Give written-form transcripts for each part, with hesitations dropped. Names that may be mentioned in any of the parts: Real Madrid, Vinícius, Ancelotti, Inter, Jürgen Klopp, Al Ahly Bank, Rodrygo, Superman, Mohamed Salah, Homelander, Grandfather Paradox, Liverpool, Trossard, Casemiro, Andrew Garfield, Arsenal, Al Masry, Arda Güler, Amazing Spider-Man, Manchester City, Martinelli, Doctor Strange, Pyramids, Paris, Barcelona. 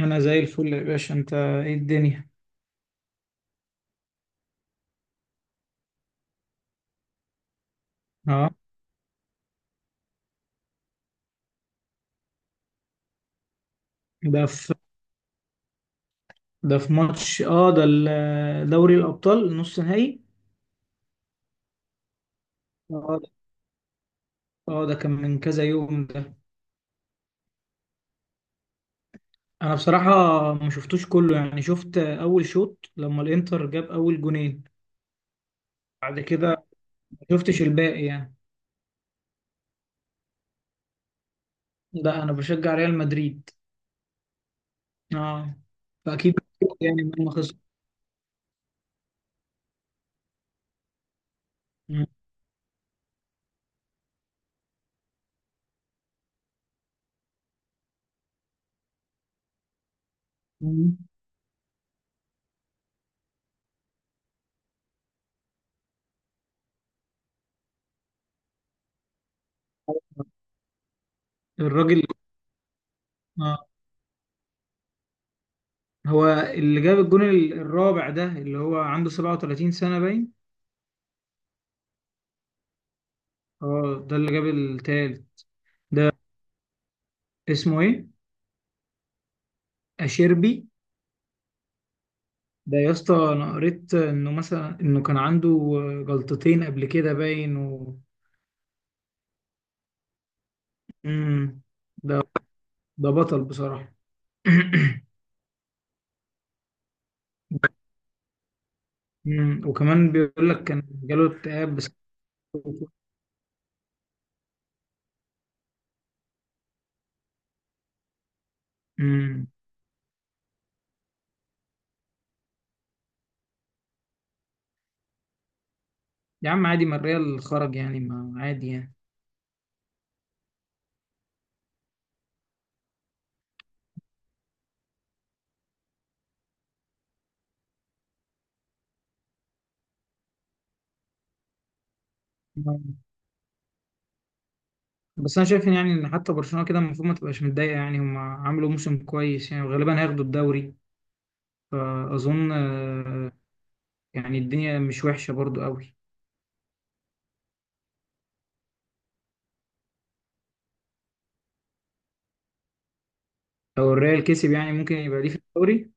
انا زي الفل يا باشا، انت ايه الدنيا؟ اه ده في ده في ماتش، ده دوري الابطال نص نهائي. اه ده اه، ده كان من كذا يوم ده. انا بصراحه ما شفتوش كله، يعني شفت اول شوط لما الانتر جاب اول جونين. بعد كده ما شفتش الباقي يعني. لا، انا بشجع ريال مدريد. اه. فاكيد يعني ما خسر. مم. مم. الراجل، آه. هو اللي جاب الجون الرابع ده، اللي هو عنده 37 سنة باين. اه، ده اللي جاب التالت. ده اسمه ايه؟ اشيربي. ده يا اسطى انا قريت انه مثلا، انه كان عنده جلطتين قبل كده باين مم. ده ده بطل بصراحة. مم. وكمان بيقول لك كان جاله اكتئاب بس. مم. يا عم عادي، ما الريال خرج يعني، ما عادي يعني. مم. بس انا شايف إن، يعني ان حتى برشلونة كده المفروض ما تبقاش متضايقة، يعني هم عملوا موسم كويس يعني، وغالبا هياخدوا الدوري. فاظن، يعني الدنيا مش وحشة برضو قوي. لو الريال كسب يعني ممكن يبقى ليه في الدوري.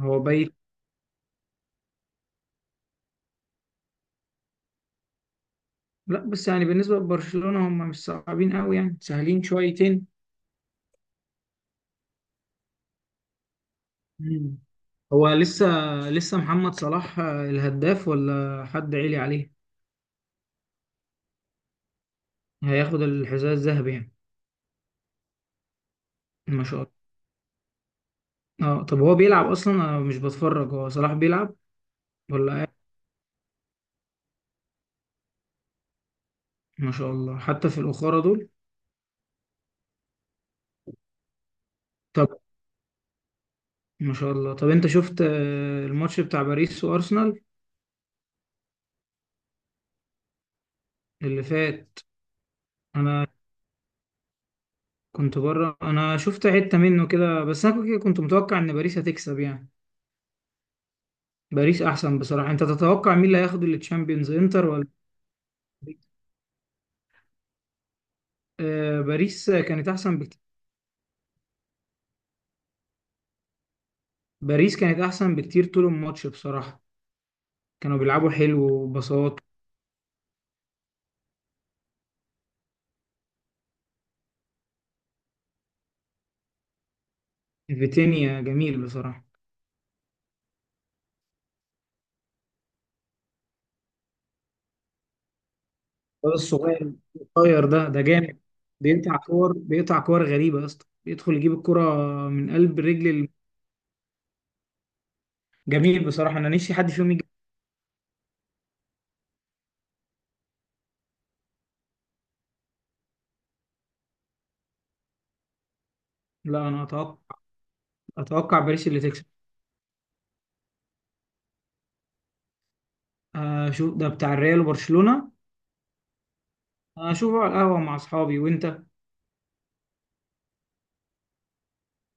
هو بايت. لا، بس يعني بالنسبة لبرشلونة هم مش صعبين قوي يعني، سهلين شويتين. مم. هو لسه لسه محمد صلاح الهداف ولا حد عالي عليه؟ هياخد الحذاء الذهبي يعني. ما شاء الله. اه، طب هو بيلعب اصلا؟ انا مش بتفرج. هو صلاح بيلعب ولا قاعد؟ ما شاء الله، حتى في الأخرى دول. طب ما شاء الله، طب انت شفت الماتش بتاع باريس وارسنال اللي فات؟ انا كنت بره، انا شفت حتة منه كده بس، انا كده كنت متوقع ان باريس هتكسب يعني. باريس احسن بصراحة. انت تتوقع مين اللي هياخد التشامبيونز، انتر ولا باريس؟ آه، باريس كانت احسن بكتير. باريس كانت احسن بكتير طول الماتش بصراحة. كانوا بيلعبوا حلو وبساط. فيتينيا جميل بصراحة. الواد الصغير، الصغير ده جامد. بيقطع كور، بيقطع كور غريبة يا اسطى، بيدخل يجيب الكرة من قلب رجل جميل بصراحة. انا نفسي حد فيهم يجي. لا، انا اتوقع باريس اللي تكسب. اشوف ده بتاع الريال وبرشلونة. اشوفه على القهوة مع اصحابي. وانت؟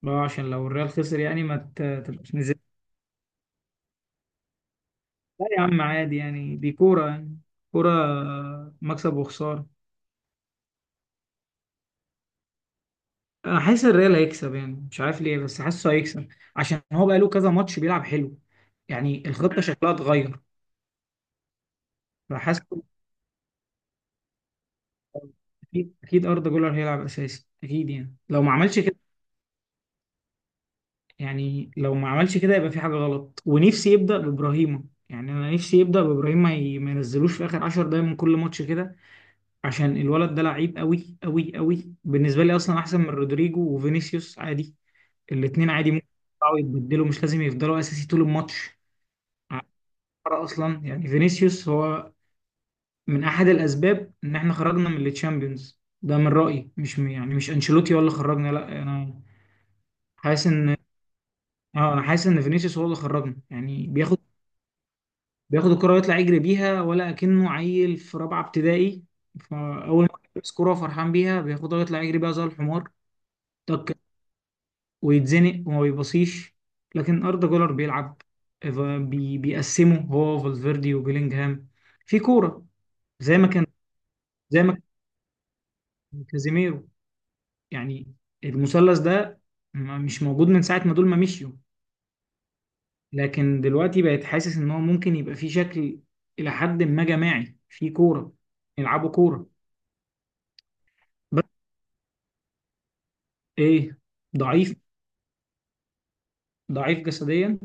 عشان لو الريال خسر يعني ما تبقاش نزلت. لا يا عم، عادي يعني، دي كورة يعني. كورة، مكسب وخسارة. انا حاسس الريال هيكسب يعني، مش عارف ليه بس حاسه هيكسب، عشان هو بقاله كذا ماتش بيلعب حلو، يعني الخطة شكلها اتغير. فحاسس، اكيد أكيد اردا جولر هيلعب اساسي اكيد، يعني لو ما عملش كده، يعني لو ما عملش كده يبقى في حاجة غلط. ونفسي يبدأ بإبراهيمة، يعني أنا نفسي يبدأ بإبراهيم، ما ينزلوش في آخر 10 دقايق من كل ماتش كده، عشان الولد ده لعيب قوي قوي قوي بالنسبة لي، أصلا أحسن من رودريجو وفينيسيوس عادي. الاتنين عادي ممكن يطلعوا يتبدلوا، مش لازم يفضلوا أساسي طول الماتش. على فكرة أصلا، يعني فينيسيوس هو من أحد الأسباب إن إحنا خرجنا من التشامبيونز ده من رأيي، مش يعني مش أنشيلوتي هو اللي خرجنا، لا، أنا حاسس إن، اه انا حاسس ان فينيسيوس هو اللي خرجنا، يعني بياخد الكرة ويطلع يجري بيها ولا أكنه عيل في رابعة ابتدائي. فأول ما يلبس كرة فرحان بيها بياخدها ويطلع يجري بيها زي الحمار. طك، ويتزنق وما بيبصيش. لكن أردا جولر بيلعب، ف- بي بيقسمه هو فالفيردي وبيلينجهام في كورة، زي ما كان زي ما كان كازيميرو، يعني المثلث ده مش موجود من ساعة ما دول ما مشيوا. لكن دلوقتي بقيت حاسس إن هو ممكن يبقى في شكل إلى حد ما جماعي في كورة، يلعبوا كورة. ايه؟ ضعيف، ضعيف جسديا.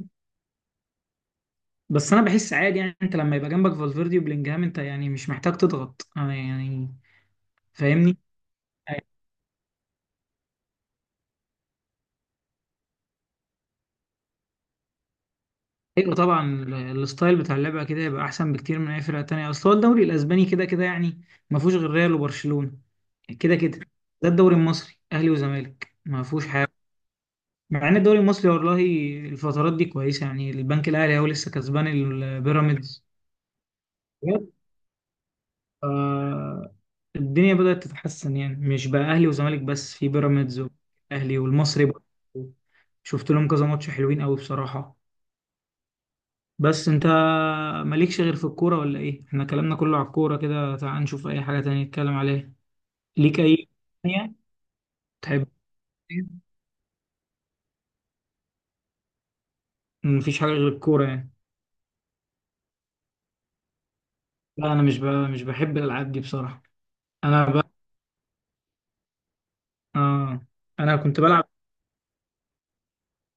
بس انا بحس عادي يعني، انت لما يبقى جنبك فالفيردي وبلينجهام انت يعني مش محتاج تضغط يعني. فاهمني. ايوه طبعا، الستايل بتاع اللعبه كده يبقى احسن بكتير من اي فرقه تانية، اصل هو الدوري الاسباني كده كده يعني، ما فيهوش غير ريال وبرشلونه. كده كده، ده الدوري المصري اهلي وزمالك ما فيهوش حاجه. مع ان الدوري المصري والله الفترات دي كويسه، يعني البنك الاهلي هو لسه كسبان البيراميدز. آه، الدنيا بدأت تتحسن، يعني مش بقى أهلي وزمالك بس، في بيراميدز والأهلي والمصري برضه. شفت لهم كذا ماتش حلوين قوي بصراحة. بس انت مالكش غير في الكورة ولا ايه؟ احنا كلامنا كله على الكورة كده، تعال نشوف اي حاجة تانية نتكلم عليها. ليك اي تانية تحب؟ مفيش حاجة غير الكورة يعني. لا، انا مش بحب الالعاب دي بصراحة. انا ب... آه. انا كنت بلعب،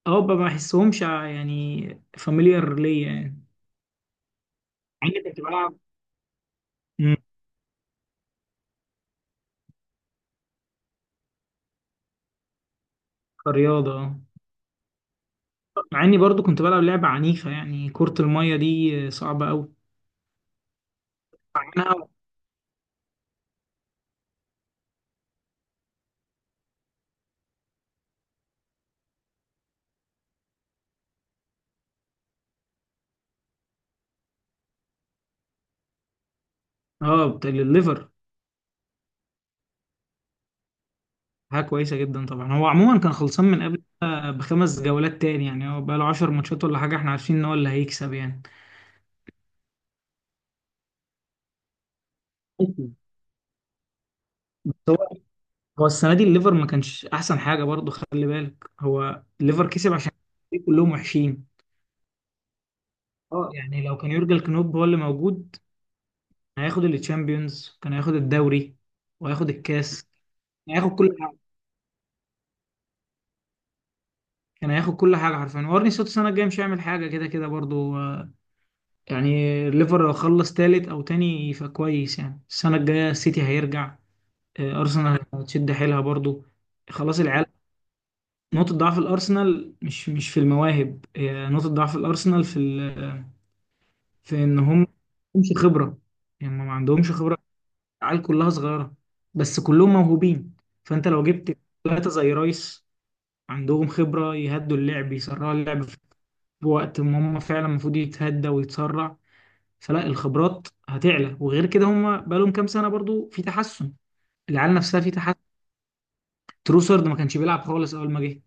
ما بحسهمش يعني، فاميليار ليا يعني. مع اني كنت بلعب. مم. كرياضة، آه. مع اني برضو كنت بلعب لعبة عنيفة يعني، كرة المية دي صعبة قوي. عنها. اه، بتاع الليفر. حاجة كويسة جدا طبعا. هو عموما كان خلصان من قبل ده بخمس جولات تاني، يعني هو بقى له 10 ماتشات ولا حاجة، احنا عارفين ان هو اللي هيكسب يعني. أوكي. هو هو السنة دي الليفر ما كانش احسن حاجة برضو، خلي بالك هو الليفر كسب عشان كلهم وحشين. اه، يعني لو كان يورجن كلوب هو اللي موجود كان هياخد التشامبيونز، كان هياخد الدوري وهياخد الكاس. كان هياخد كل كان هياخد كل حاجه حرفيا، وارني سلوت السنه الجايه مش هيعمل حاجه كده كده برضو. يعني الليفر لو خلص تالت او تاني فكويس، يعني السنه الجايه السيتي هيرجع. ارسنال هتشد حيلها برضو. خلاص العيال، نقطه ضعف الارسنال مش في المواهب، هي نقطه ضعف الارسنال في في ان هم ما عندهمش خبره، يعني ما عندهمش خبره. العيال كلها صغيره، بس كلهم موهوبين. فانت لو جبت ثلاثه زي رايس عندهم خبره يهدوا اللعب، يسرعوا اللعب بوقت ما هم فعلا المفروض يتهدى ويتسرع، فلا الخبرات هتعلى. وغير كده هم بقالهم كام سنه برضو في تحسن، العيال نفسها في تحسن. تروسرد ما كانش بيلعب خالص اول ما جه،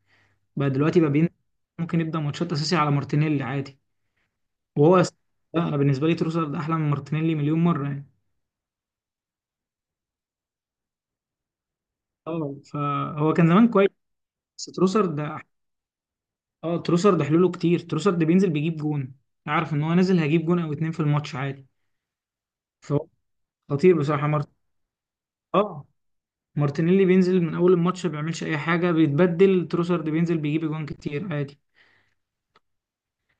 بقى دلوقتي بقى بين، ممكن يبدا ماتشات اساسي على مارتينيلي عادي. وهو لا، انا بالنسبه لي تروسرد احلى من مارتينيلي مليون مره يعني. اه، فهو كان زمان كويس، بس تروسرد ده، اه، تروسرد حلوله كتير. تروسرد بينزل بيجيب جون، عارف ان هو نازل هيجيب جون او اتنين في الماتش عادي. فهو خطير بصراحه، اه، مارتينيلي بينزل من اول الماتش ما بيعملش اي حاجه بيتبدل، تروسارد بينزل بيجيب اجوان كتير عادي.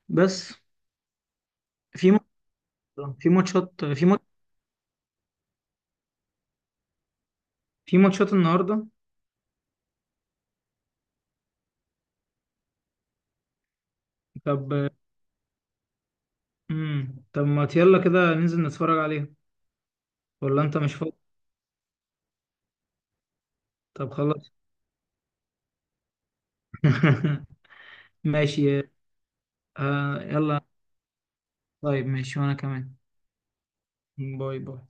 بس، في ماتش في ماتشات في ماتش في ماتشات النهارده. طب طب ما يلا كده ننزل نتفرج عليها. ولا انت مش فاضي؟ طب خلاص. ماشي، آه، يلا. طيب ماشي، وانا كمان. باي باي.